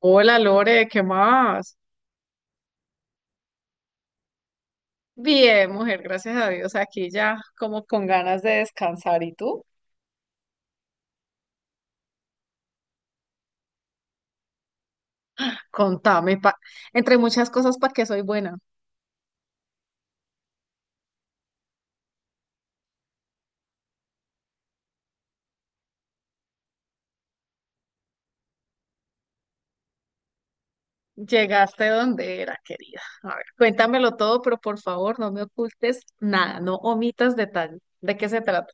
Hola Lore, ¿qué más? Bien, mujer, gracias a Dios, aquí ya como con ganas de descansar. ¿Y tú? Contame, entre muchas cosas, ¿para qué soy buena? Llegaste donde era, querida. A ver, cuéntamelo todo, pero por favor, no me ocultes nada, no omitas detalle. ¿De qué se trata?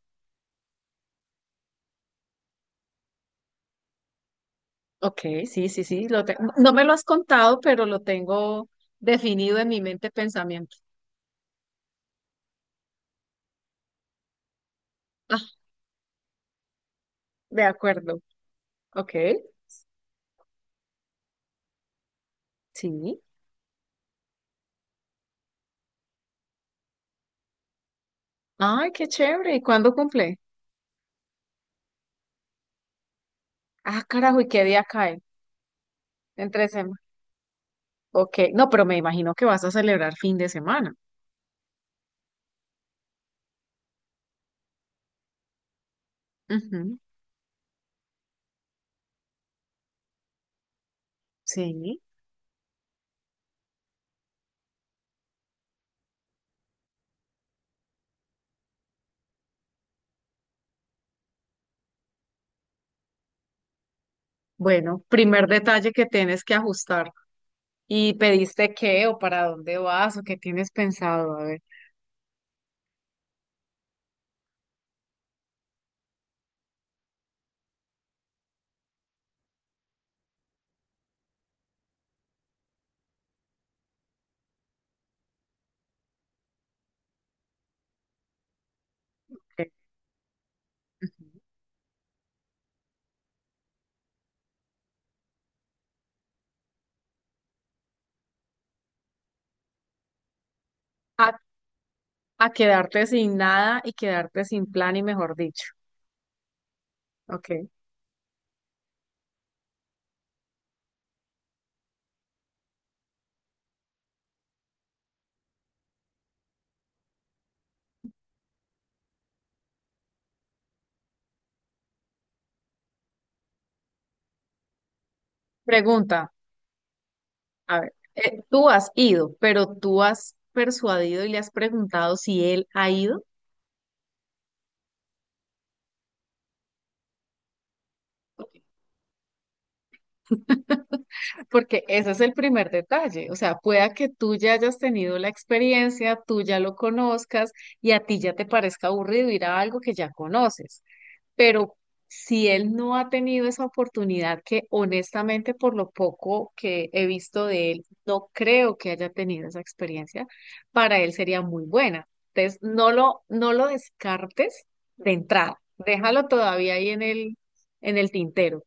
Ok, sí, sí, sí, no me lo has contado, pero lo tengo definido en mi mente pensamiento. Ah, de acuerdo. Ok, sí. Ay, qué chévere. ¿Y cuándo cumple? Ah, carajo, ¿y qué día cae? Entre semana. Ok, no, pero me imagino que vas a celebrar fin de semana. Ujú, sí. Bueno, primer detalle que tienes que ajustar. ¿Y pediste qué o para dónde vas o qué tienes pensado? A ver. Ok. A, a quedarte sin nada y quedarte sin plan y mejor dicho. Ok. Pregunta, a ver, tú has ido, pero tú has persuadido y le has preguntado si él ha ido. Porque ese es el primer detalle, o sea, pueda que tú ya hayas tenido la experiencia, tú ya lo conozcas y a ti ya te parezca aburrido ir a algo que ya conoces, pero si él no ha tenido esa oportunidad, que honestamente por lo poco que he visto de él, no creo que haya tenido esa experiencia, para él sería muy buena. Entonces, no lo descartes de entrada, déjalo todavía ahí en el tintero.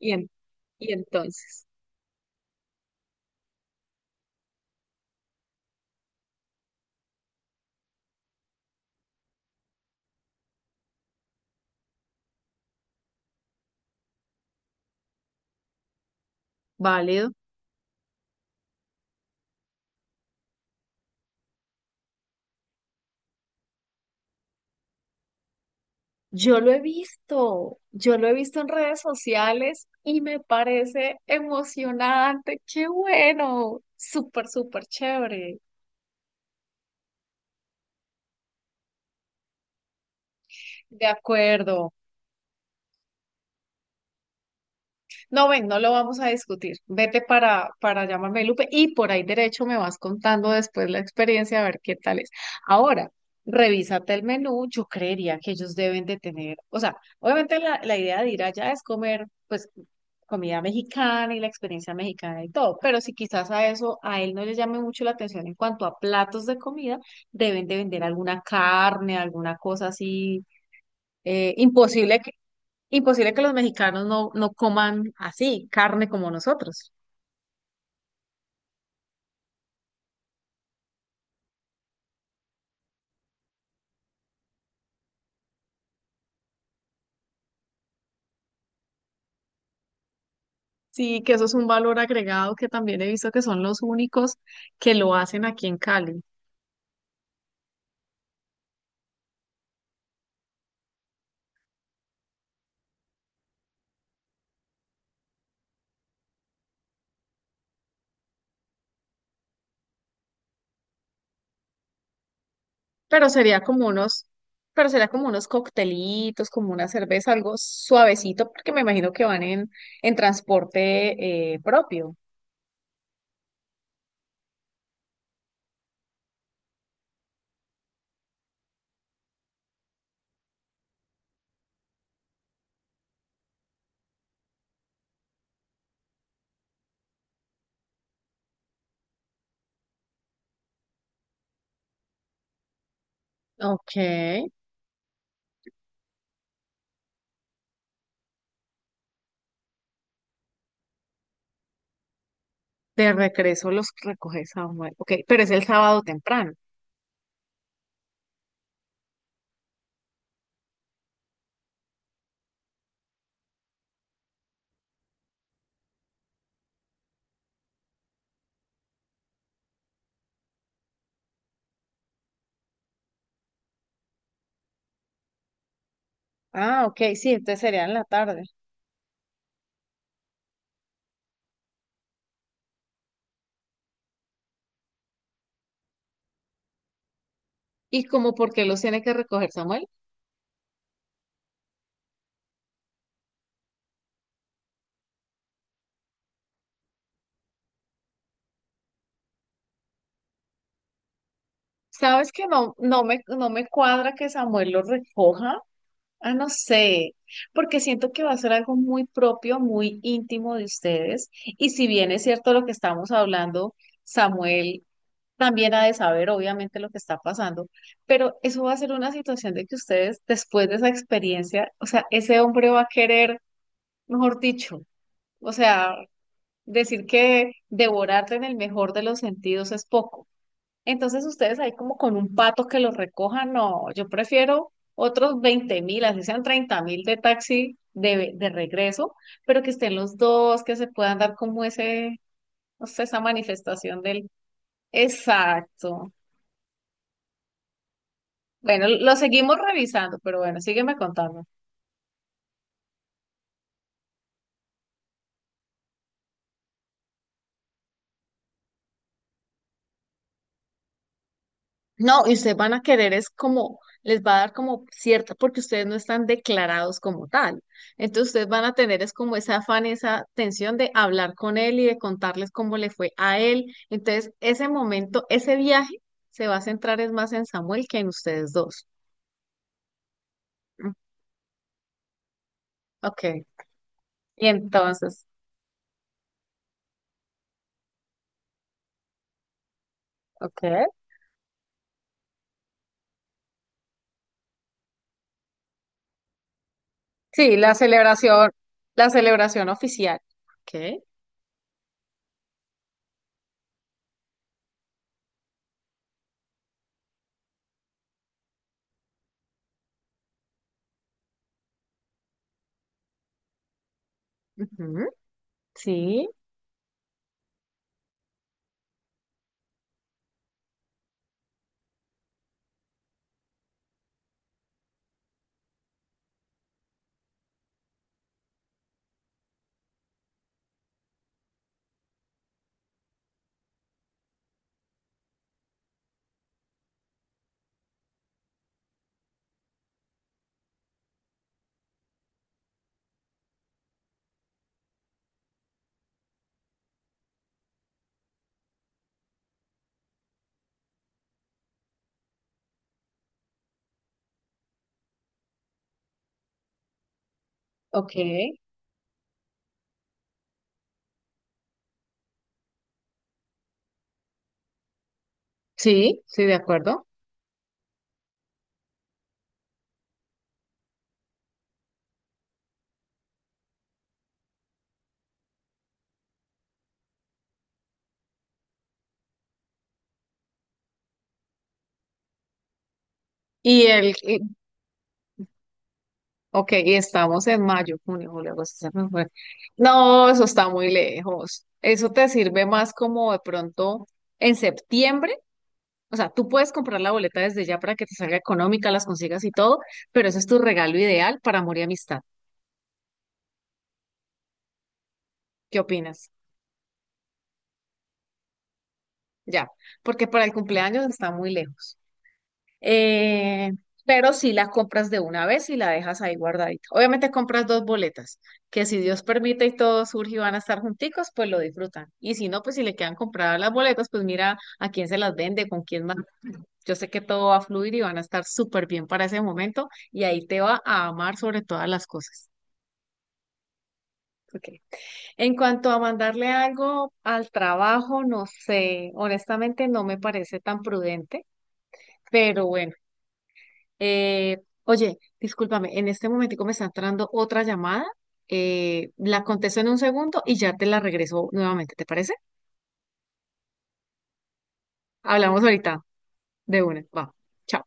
Y, en- y entonces, válido. Yo lo he visto, yo lo he visto en redes sociales y me parece emocionante. ¡Qué bueno! Súper, súper chévere. De acuerdo. No, ven, no lo vamos a discutir. Vete para llamarme Lupe y por ahí derecho me vas contando después la experiencia a ver qué tal es. Ahora, revísate el menú. Yo creería que ellos deben de tener, o sea, obviamente la idea de ir allá es comer, pues, comida mexicana y la experiencia mexicana y todo, pero si quizás a eso a él no le llame mucho la atención en cuanto a platos de comida, deben de vender alguna carne, alguna cosa así. Imposible Imposible que los mexicanos no coman así, carne como nosotros. Sí, que eso es un valor agregado que también he visto que son los únicos que lo hacen aquí en Cali. Pero sería como unos, pero sería como unos coctelitos, como una cerveza, algo suavecito, porque me imagino que van en transporte propio. Ok, de regreso los recoge Samuel. Ok, pero es el sábado temprano. Ah, ok, sí, entonces sería en la tarde. ¿Y como por qué los tiene que recoger Samuel? Sabes que no, no me cuadra que Samuel lo recoja. Ah, no sé, porque siento que va a ser algo muy propio, muy íntimo de ustedes. Y si bien es cierto lo que estamos hablando, Samuel también ha de saber, obviamente, lo que está pasando, pero eso va a ser una situación de que ustedes, después de esa experiencia, o sea, ese hombre va a querer, mejor dicho, o sea, decir que devorarte en el mejor de los sentidos es poco. Entonces ustedes ahí como con un pato que los recojan, no, yo prefiero otros 20.000, así sean 30.000 de taxi de regreso, pero que estén los dos, que se puedan dar como ese, no sé, esa manifestación del... Exacto. Bueno, lo seguimos revisando, pero bueno, sígueme contando. No, y ustedes van a querer, es como, les va a dar como cierta, porque ustedes no están declarados como tal. Entonces ustedes van a tener es como ese afán, esa tensión de hablar con él y de contarles cómo le fue a él. Entonces ese momento, ese viaje se va a centrar es más en Samuel que en ustedes dos. Mm, ok, y entonces, ok. Sí, la celebración oficial. Ok, ujú, sí, ok, sí, sí, de acuerdo. Y el, y ok, y estamos en mayo, junio, julio, agosto, septiembre, octubre. No, eso está muy lejos. Eso te sirve más como de pronto en septiembre. O sea, tú puedes comprar la boleta desde ya para que te salga económica, las consigas y todo, pero eso es tu regalo ideal para amor y amistad. ¿Qué opinas? Ya, porque para el cumpleaños está muy lejos. Eh, pero si la compras de una vez y la dejas ahí guardadita. Obviamente compras dos boletas, que si Dios permite y todo surge y van a estar junticos, pues lo disfrutan. Y si no, pues si le quedan compradas las boletas, pues mira a quién se las vende, con quién más. Yo sé que todo va a fluir y van a estar súper bien para ese momento y ahí te va a amar sobre todas las cosas. Ok. En cuanto a mandarle algo al trabajo, no sé, honestamente no me parece tan prudente. Pero bueno. Oye, discúlpame, en este momentico me está entrando otra llamada. La contesto en un segundo y ya te la regreso nuevamente, ¿te parece? Hablamos ahorita de una. Va. Chao.